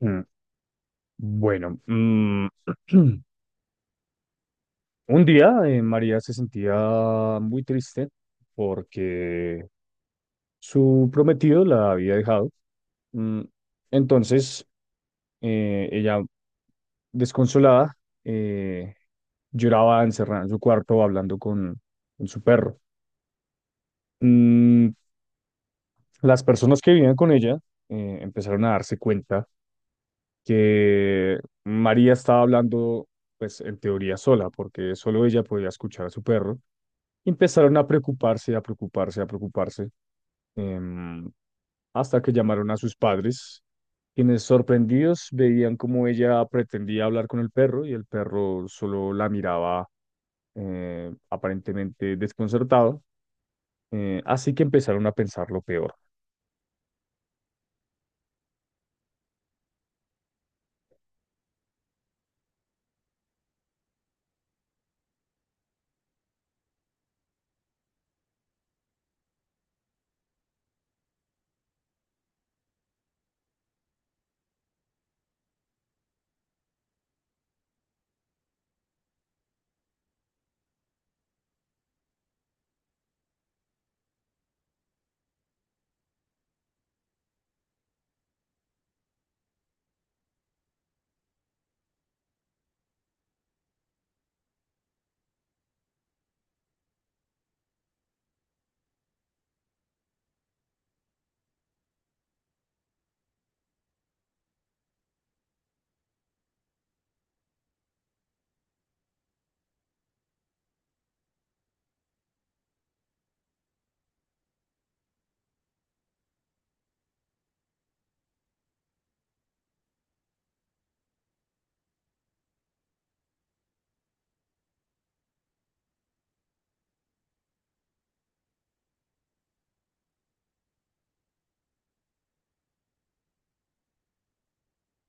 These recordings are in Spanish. Mm. Bueno, un día María se sentía muy triste porque su prometido la había dejado. Mm, Entonces, ella, desconsolada, eh, lloraba encerrada en su cuarto hablando con su perro. Mm, Las personas que vivían con ella empezaron a darse cuenta que María estaba hablando, pues en teoría sola, porque solo ella podía escuchar a su perro. Y empezaron a preocuparse, a preocuparse, a preocuparse, em, hasta que llamaron a sus padres, quienes sorprendidos veían cómo ella pretendía hablar con el perro y el perro solo la miraba, aparentemente desconcertado. Así que empezaron a pensar lo peor.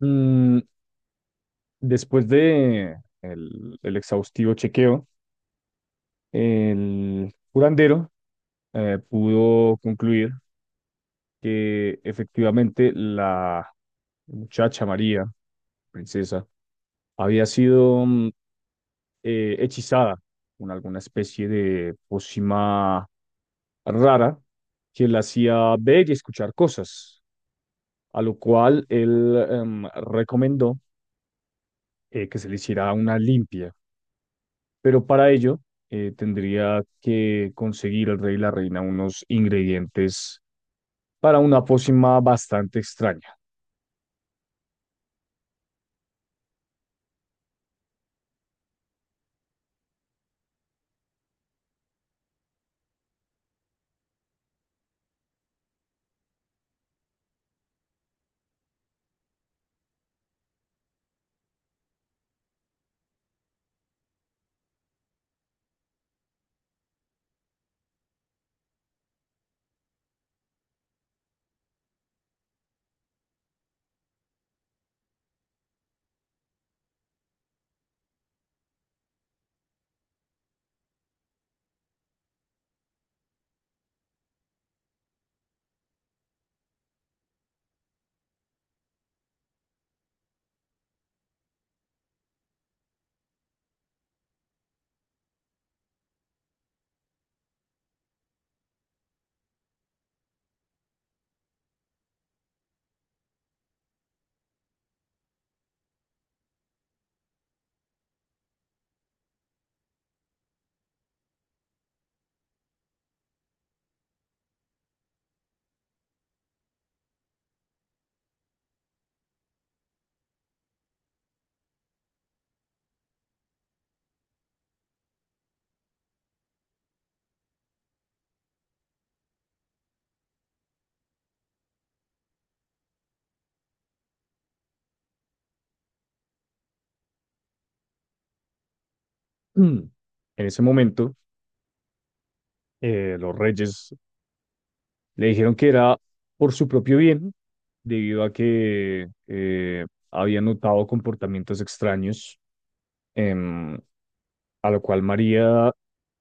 Mm, Después de el exhaustivo chequeo, el curandero pudo concluir que efectivamente la muchacha María, princesa, había sido hechizada con alguna especie de pócima rara que la hacía ver y escuchar cosas, a lo cual él recomendó que se le hiciera una limpia. Pero para ello tendría que conseguir el rey y la reina unos ingredientes para una pócima bastante extraña. Mm. En ese momento, los reyes le dijeron que era por su propio bien, debido a que había notado comportamientos extraños, em, a lo cual María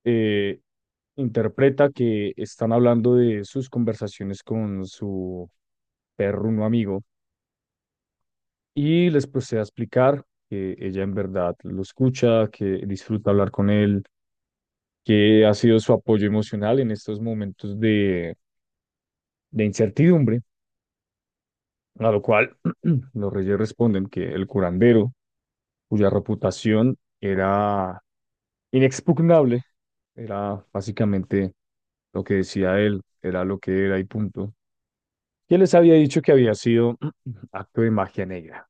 eh, interpreta que están hablando de sus conversaciones con su perruno amigo, y les procede a explicar que ella en verdad lo escucha, que disfruta hablar con él, que ha sido su apoyo emocional en estos momentos de incertidumbre, a lo cual los reyes responden que el curandero, cuya reputación era inexpugnable, era básicamente lo que decía él, era lo que era y punto, que les había dicho que había sido acto de magia negra.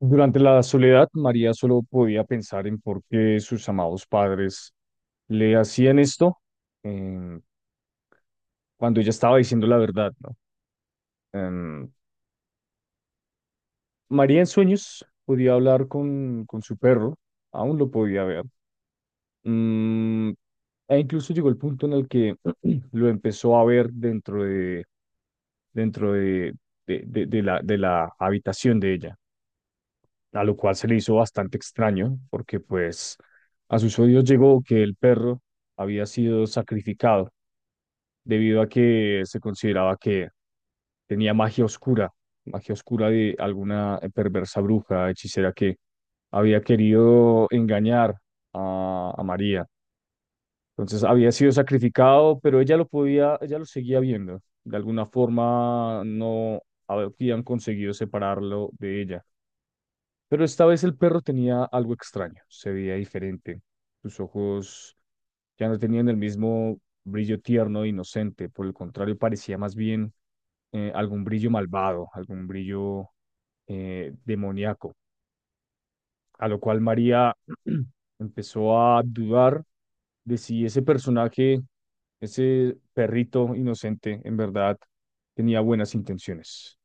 Durante la soledad, María solo podía pensar en por qué sus amados padres le hacían esto, em, cuando ella estaba diciendo la verdad, ¿no? Em, María en sueños podía hablar con su perro, aún lo podía ver. Mm, E incluso llegó el punto en el que lo empezó a ver dentro de la habitación de ella. A lo cual se le hizo bastante extraño, porque pues a sus oídos llegó que el perro había sido sacrificado debido a que se consideraba que tenía magia oscura de alguna perversa bruja, hechicera que había querido engañar a María. Entonces había sido sacrificado, pero ella lo seguía viendo. De alguna forma no habían conseguido separarlo de ella. Pero esta vez el perro tenía algo extraño, se veía diferente. Sus ojos ya no tenían el mismo brillo tierno e inocente, por el contrario, parecía más bien algún brillo malvado, algún brillo demoníaco, a lo cual María empezó a dudar de si ese personaje, ese perrito inocente, en verdad tenía buenas intenciones.